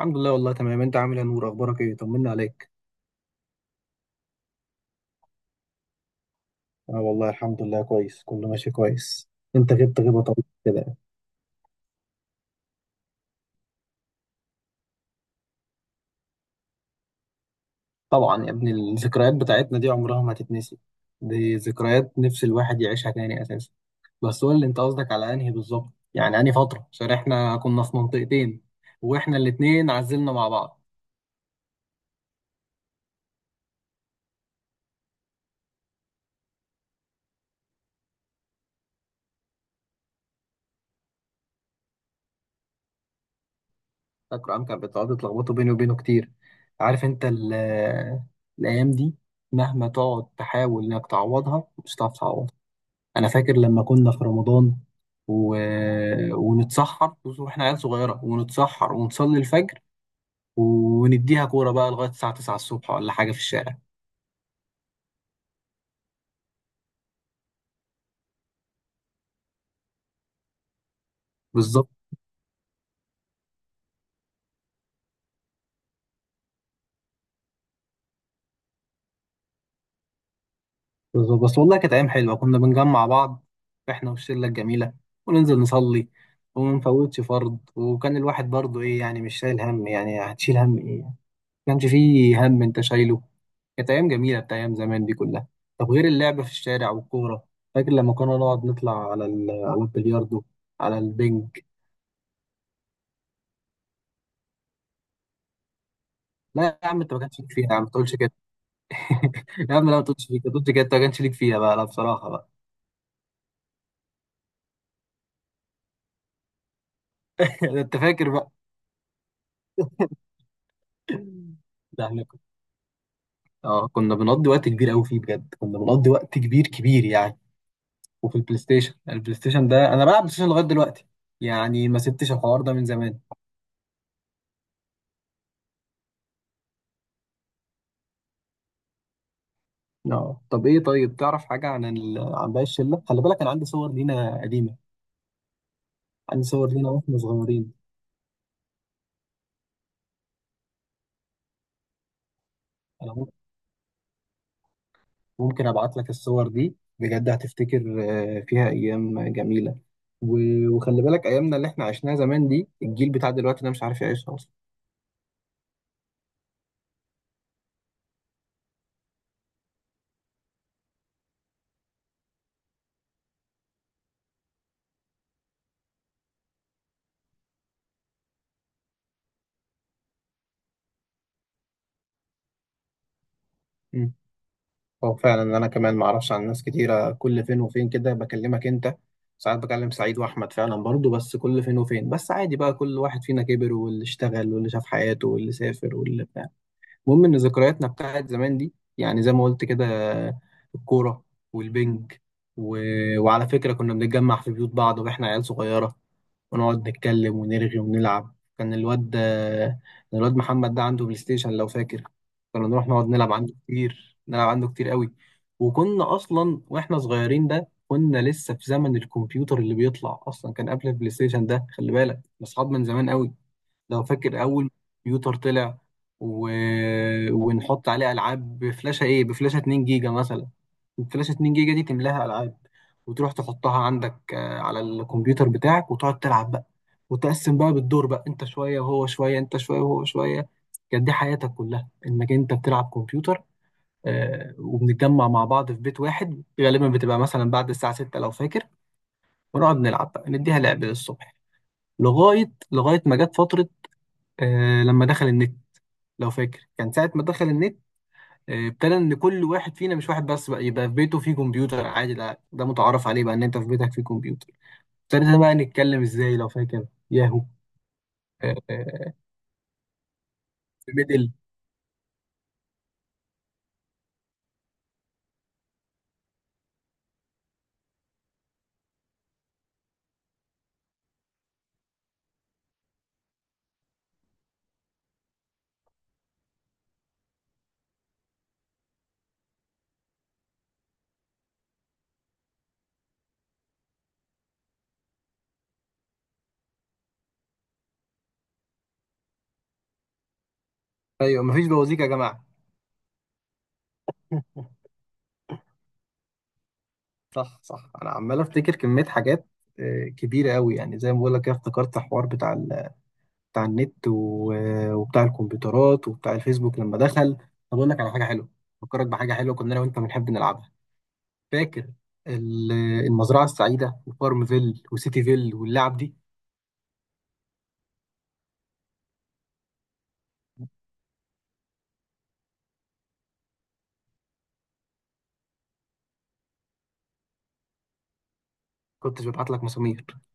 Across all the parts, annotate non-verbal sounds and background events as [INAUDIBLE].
الحمد لله، والله تمام. انت عامل ايه يا نور؟ اخبارك ايه؟ طمنا عليك. اه، والله الحمد لله، كويس، كله ماشي كويس. انت غبت غيبه طويله كده. طبعا يا ابني، الذكريات بتاعتنا دي عمرها ما هتتنسي. دي ذكريات نفس الواحد يعيشها تاني اساسا. بس قول لي، انت قصدك على انهي بالظبط، يعني انهي فتره، عشان احنا كنا في منطقتين واحنا الاتنين عزلنا مع بعض. فاكر عم كانت بتقعد تلخبطوا بيني وبينه كتير. عارف انت الايام دي مهما تقعد تحاول انك تعوضها مش هتعرف تعوضها. انا فاكر لما كنا في رمضان و... ونتسحر، بص، واحنا عيال صغيره، ونتسحر ونصلي الفجر، ونديها كوره بقى لغايه الساعه 9 الصبح ولا حاجه في الشارع. بالظبط بالظبط، بس والله كانت ايام حلوه، كنا بنجمع بعض احنا والشله الجميله، وننزل نصلي وما نفوتش فرض. وكان الواحد برضه ايه يعني؟ مش شايل هم. يعني هتشيل هم ايه؟ ما كانش فيه هم انت شايله. كانت أيام جميلة، بتاع أيام زمان دي كلها. طب غير اللعب في الشارع والكورة، فاكر لما كنا نقعد نطلع على على البلياردو، على البنج. لا يا عم، أنت ما كانش ليك فيها، يا عم ما تقولش كده. [LAUGHS] يا عم لا، ما تقولش، ليك ما تقولش كده، أنت ما كانش ليك فيها بقى، لا بصراحة بقى. [LAUGHS] ده أنت فاكر بقى. لا احنا كنا اه، كنا بنقضي وقت كبير قوي فيه، بجد كنا بنقضي وقت كبير كبير يعني. وفي البلاي ستيشن ده أنا بلعب بلاي ستيشن لغاية دلوقتي، يعني ما سبتش الحوار ده من زمان. اه طب ايه، طيب تعرف حاجه عن عن باقي الشله؟ خلي بالك انا عندي صور لينا قديمه، عندي صور لينا واحنا صغيرين. انا مم- ممكن ابعت لك الصور دي، بجد هتفتكر. فيها ايام جميله و... وخلي بالك ايامنا اللي احنا عشناها زمان دي، الجيل بتاع دلوقتي ده مش عارف يعيشها اصلا. مم. هو فعلا انا كمان ما اعرفش عن ناس كتيره، كل فين وفين كده بكلمك انت. ساعات بكلم سعيد واحمد فعلا برضو، بس كل فين وفين بس، عادي بقى. كل واحد فينا كبر، واللي اشتغل واللي شاف حياته واللي سافر واللي بتاع. المهم ان ذكرياتنا بتاعت زمان دي، يعني زي ما قلت كده، الكوره والبنج، و... وعلى فكره كنا بنتجمع في بيوت بعض واحنا عيال صغيره، ونقعد نتكلم ونرغي ونلعب. كان الواد محمد ده عنده بلاي ستيشن لو فاكر، كنا نروح نقعد نلعب عنده كتير، نلعب عنده كتير قوي. وكنا اصلا واحنا صغيرين ده كنا لسه في زمن الكمبيوتر اللي بيطلع، اصلا كان قبل البلاي ستيشن ده، خلي بالك اصحاب من زمان قوي. لو فاكر اول كمبيوتر طلع، و... ونحط عليه العاب بفلاشه، ايه، بفلاشه 2 جيجا مثلا. الفلاشه 2 جيجا دي تملاها العاب، وتروح تحطها عندك، على الكمبيوتر بتاعك، وتقعد تلعب بقى. وتقسم بقى بالدور بقى، انت شويه وهو شويه، انت شويه وهو شويه. كانت دي حياتك كلها، انك انت بتلعب كمبيوتر. وبنتجمع مع بعض في بيت واحد غالبا، بتبقى مثلا بعد الساعه 6 لو فاكر، ونقعد نلعب بقى، نديها لعب للصبح لغايه ما جت فتره لما دخل النت. لو فاكر كان ساعة ما دخل النت، ابتدى ان كل واحد فينا، مش واحد بس بقى، يبقى في بيته فيه كمبيوتر. عادي ده متعارف عليه بقى، ان انت في بيتك فيه كمبيوتر. ابتدينا بقى نتكلم ازاي، لو فاكر، ياهو. آه، آه، في ميدل. ايوه مفيش بوازيك يا جماعة. [LAUGHS] صح صح، انا عمال افتكر كمية حاجات كبيرة قوي، يعني زي ما بقول لك كده افتكرت حوار بتاع بتاع النت و... آه، وبتاع الكمبيوترات وبتاع الفيسبوك لما دخل. طب اقول لك على حاجة حلوة، افكرك بحاجة حلوة كنا انا وانت بنحب نلعبها. فاكر ال- المزرعة السعيدة وفارم فيل وسيتي فيل واللعب دي؟ كنتش ببعت لك مسامير. [LAUGHS]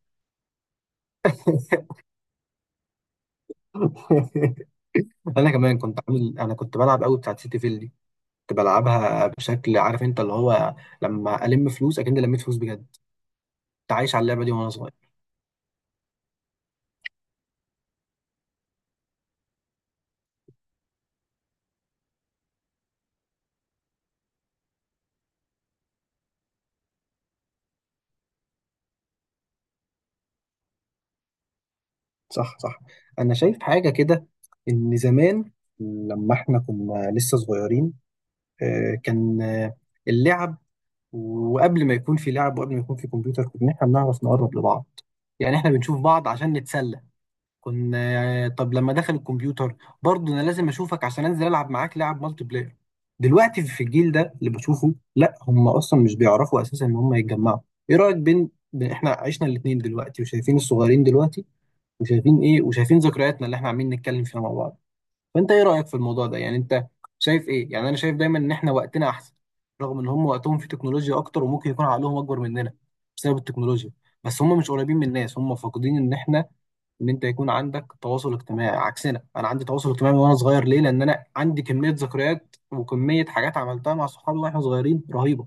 انا كمان كنت عامل، انا كنت بلعب قوي بتاعت سيتي فيل دي، كنت بلعبها بشكل، عارف انت اللي هو، لما الم فلوس اكن لميت فلوس بجد. كنت عايش على اللعبة دي وانا صغير. صح صح، انا شايف حاجة كده، ان زمان لما احنا كنا لسه صغيرين آه، كان آه، اللعب، وقبل ما يكون في لعب وقبل ما يكون في كمبيوتر، كنا احنا بنعرف نقرب لبعض. يعني احنا بنشوف بعض عشان نتسلى. كنا، طب لما دخل الكمبيوتر برضه انا لازم اشوفك عشان انزل العب معاك لعب مالتي بلاير. دلوقتي في الجيل ده اللي بشوفه، لا، هم اصلا مش بيعرفوا اساسا ان هم يتجمعوا. ايه رايك، احنا عشنا الاثنين دلوقتي وشايفين الصغيرين دلوقتي، وشايفين ايه، وشايفين ذكرياتنا اللي احنا عاملين نتكلم فيها مع بعض. فانت ايه رايك في الموضوع ده؟ يعني انت شايف ايه؟ يعني انا شايف دايما ان احنا وقتنا احسن، رغم ان هم وقتهم في تكنولوجيا اكتر وممكن يكون عقلهم اكبر مننا بسبب التكنولوجيا، بس هم مش قريبين من الناس. هم فاقدين ان احنا، ان انت يكون عندك تواصل اجتماعي. عكسنا، انا عندي تواصل اجتماعي من وانا صغير، ليه؟ لان انا عندي كميه ذكريات وكميه حاجات عملتها مع صحابي واحنا صغيرين رهيبه.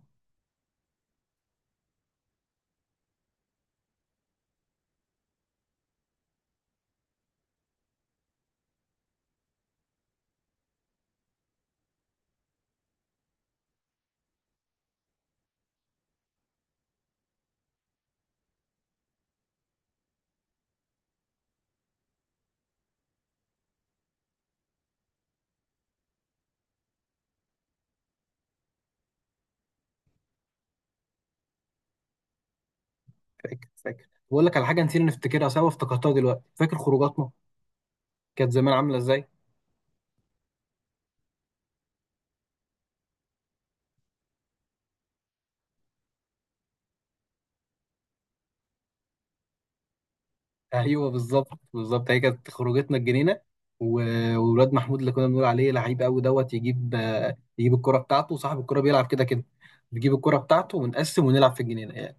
فاكر فاكر، بقول لك على حاجه نسينا نفتكرها سوا، افتكرتها دلوقتي، فاكر خروجاتنا كانت زمان عامله ازاي؟ ايوه بالظبط بالظبط، هي كانت خروجتنا الجنينه. وولاد محمود اللي كنا بنقول عليه لعيب قوي دوت، يجيب، يجيب الكره بتاعته، وصاحب الكره بيلعب كده كده، نجيب الكره بتاعته ونقسم ونلعب في الجنينه يعني.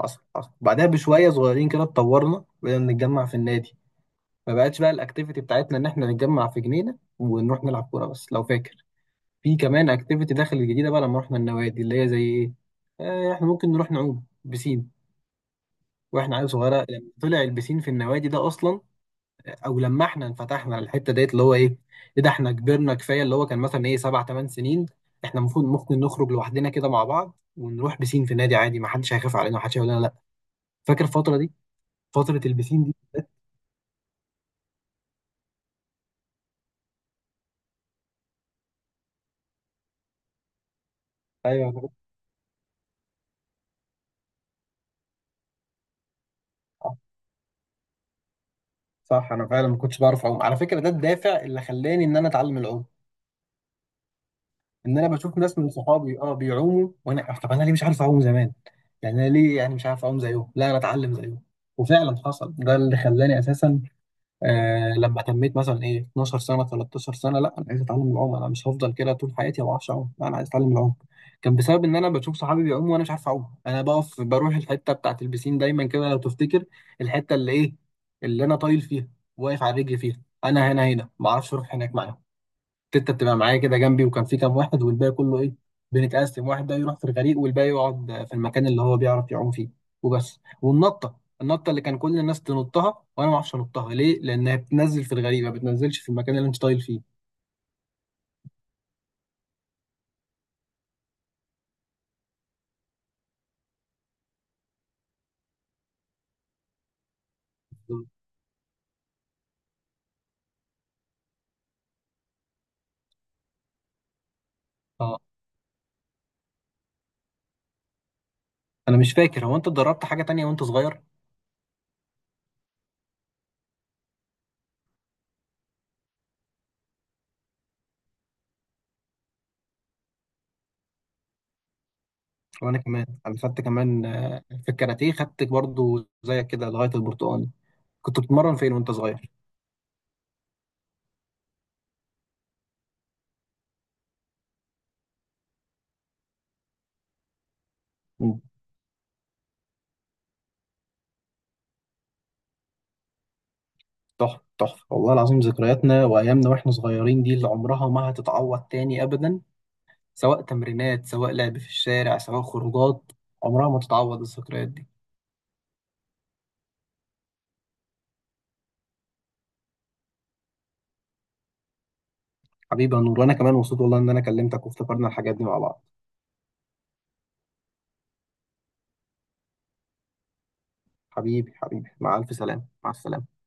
حصل حصل، بعدها بشويه صغيرين كده اتطورنا، بقينا نتجمع في النادي. ما بقتش بقى الاكتيفيتي بتاعتنا ان احنا نتجمع في جنينه ونروح نلعب كوره بس لو فاكر، في كمان اكتيفيتي داخل الجديده بقى لما رحنا النوادي، اللي هي زي ايه، احنا ممكن نروح نعوم بسين واحنا عيال صغيره، لما طلع البسين في النوادي ده اصلا. او لما احنا انفتحنا على الحته ديت اللي هو ايه، ايه ده، احنا كبرنا كفايه، اللي هو كان مثلا ايه 7 8 سنين، احنا المفروض ممكن نخرج لوحدنا كده مع بعض ونروح بسين في نادي عادي، ما حدش هيخاف علينا، ما حدش هيقول لنا لا. فاكر الفتره دي، فتره البسين دي؟ ايوه أنا فاكر. آه، صح، انا فعلا ما كنتش بعرف اعوم على فكره، ده الدافع اللي خلاني ان انا اتعلم العوم. ان انا بشوف ناس من صحابي، اه، بيعوموا وانا، طب انا ليه مش عارف اعوم زمان؟ يعني انا ليه يعني مش عارف اعوم زيهم؟ لا، انا اتعلم زيهم. وفعلا حصل، ده اللي خلاني اساسا، لما تميت مثلا ايه 12 سنه 13 سنه، لا انا عايز اتعلم العوم، انا مش هفضل كده طول حياتي ما بعرفش اعوم، لا انا عايز اتعلم العوم. كان بسبب ان انا بشوف صحابي بيعوموا وانا مش عارف اعوم. انا بقف، بروح الحته بتاعت البسين دايما كده لو تفتكر، الحته اللي ايه، اللي انا طايل فيها، واقف على رجلي فيها، انا هنا هنا، ما اعرفش اروح هناك معاهم. تيتا بتبقى معايا كده جنبي، وكان في كام واحد والباقي كله، ايه، بنتقسم، واحد ده يروح في الغريق والباقي يقعد في المكان اللي هو بيعرف يعوم فيه. وبس، والنطه، النطه اللي كان كل الناس تنطها وانا ما اعرفش انطها، ليه؟ لانها بتنزل في الغريق، ما بتنزلش في المكان اللي انت طايل فيه. اه، انا مش فاكر، هو انت اتدربت حاجه تانية وانت صغير؟ وانا كمان، انا خدت كمان في الكاراتيه، خدت برضو زيك كده لغايه البرتقال. كنت بتتمرن فين وانت صغير؟ تحفة تحفة، والله العظيم ذكرياتنا وأيامنا وإحنا صغيرين دي اللي عمرها ما هتتعوض تاني أبدا، سواء تمرينات، سواء لعب في الشارع، سواء خروجات، عمرها ما تتعوض الذكريات دي. حبيبي يا نور، وأنا كمان مبسوط والله إن أنا كلمتك وافتكرنا الحاجات دي مع بعض. حبيبي حبيبي، مع ألف سلامة، مع السلامة.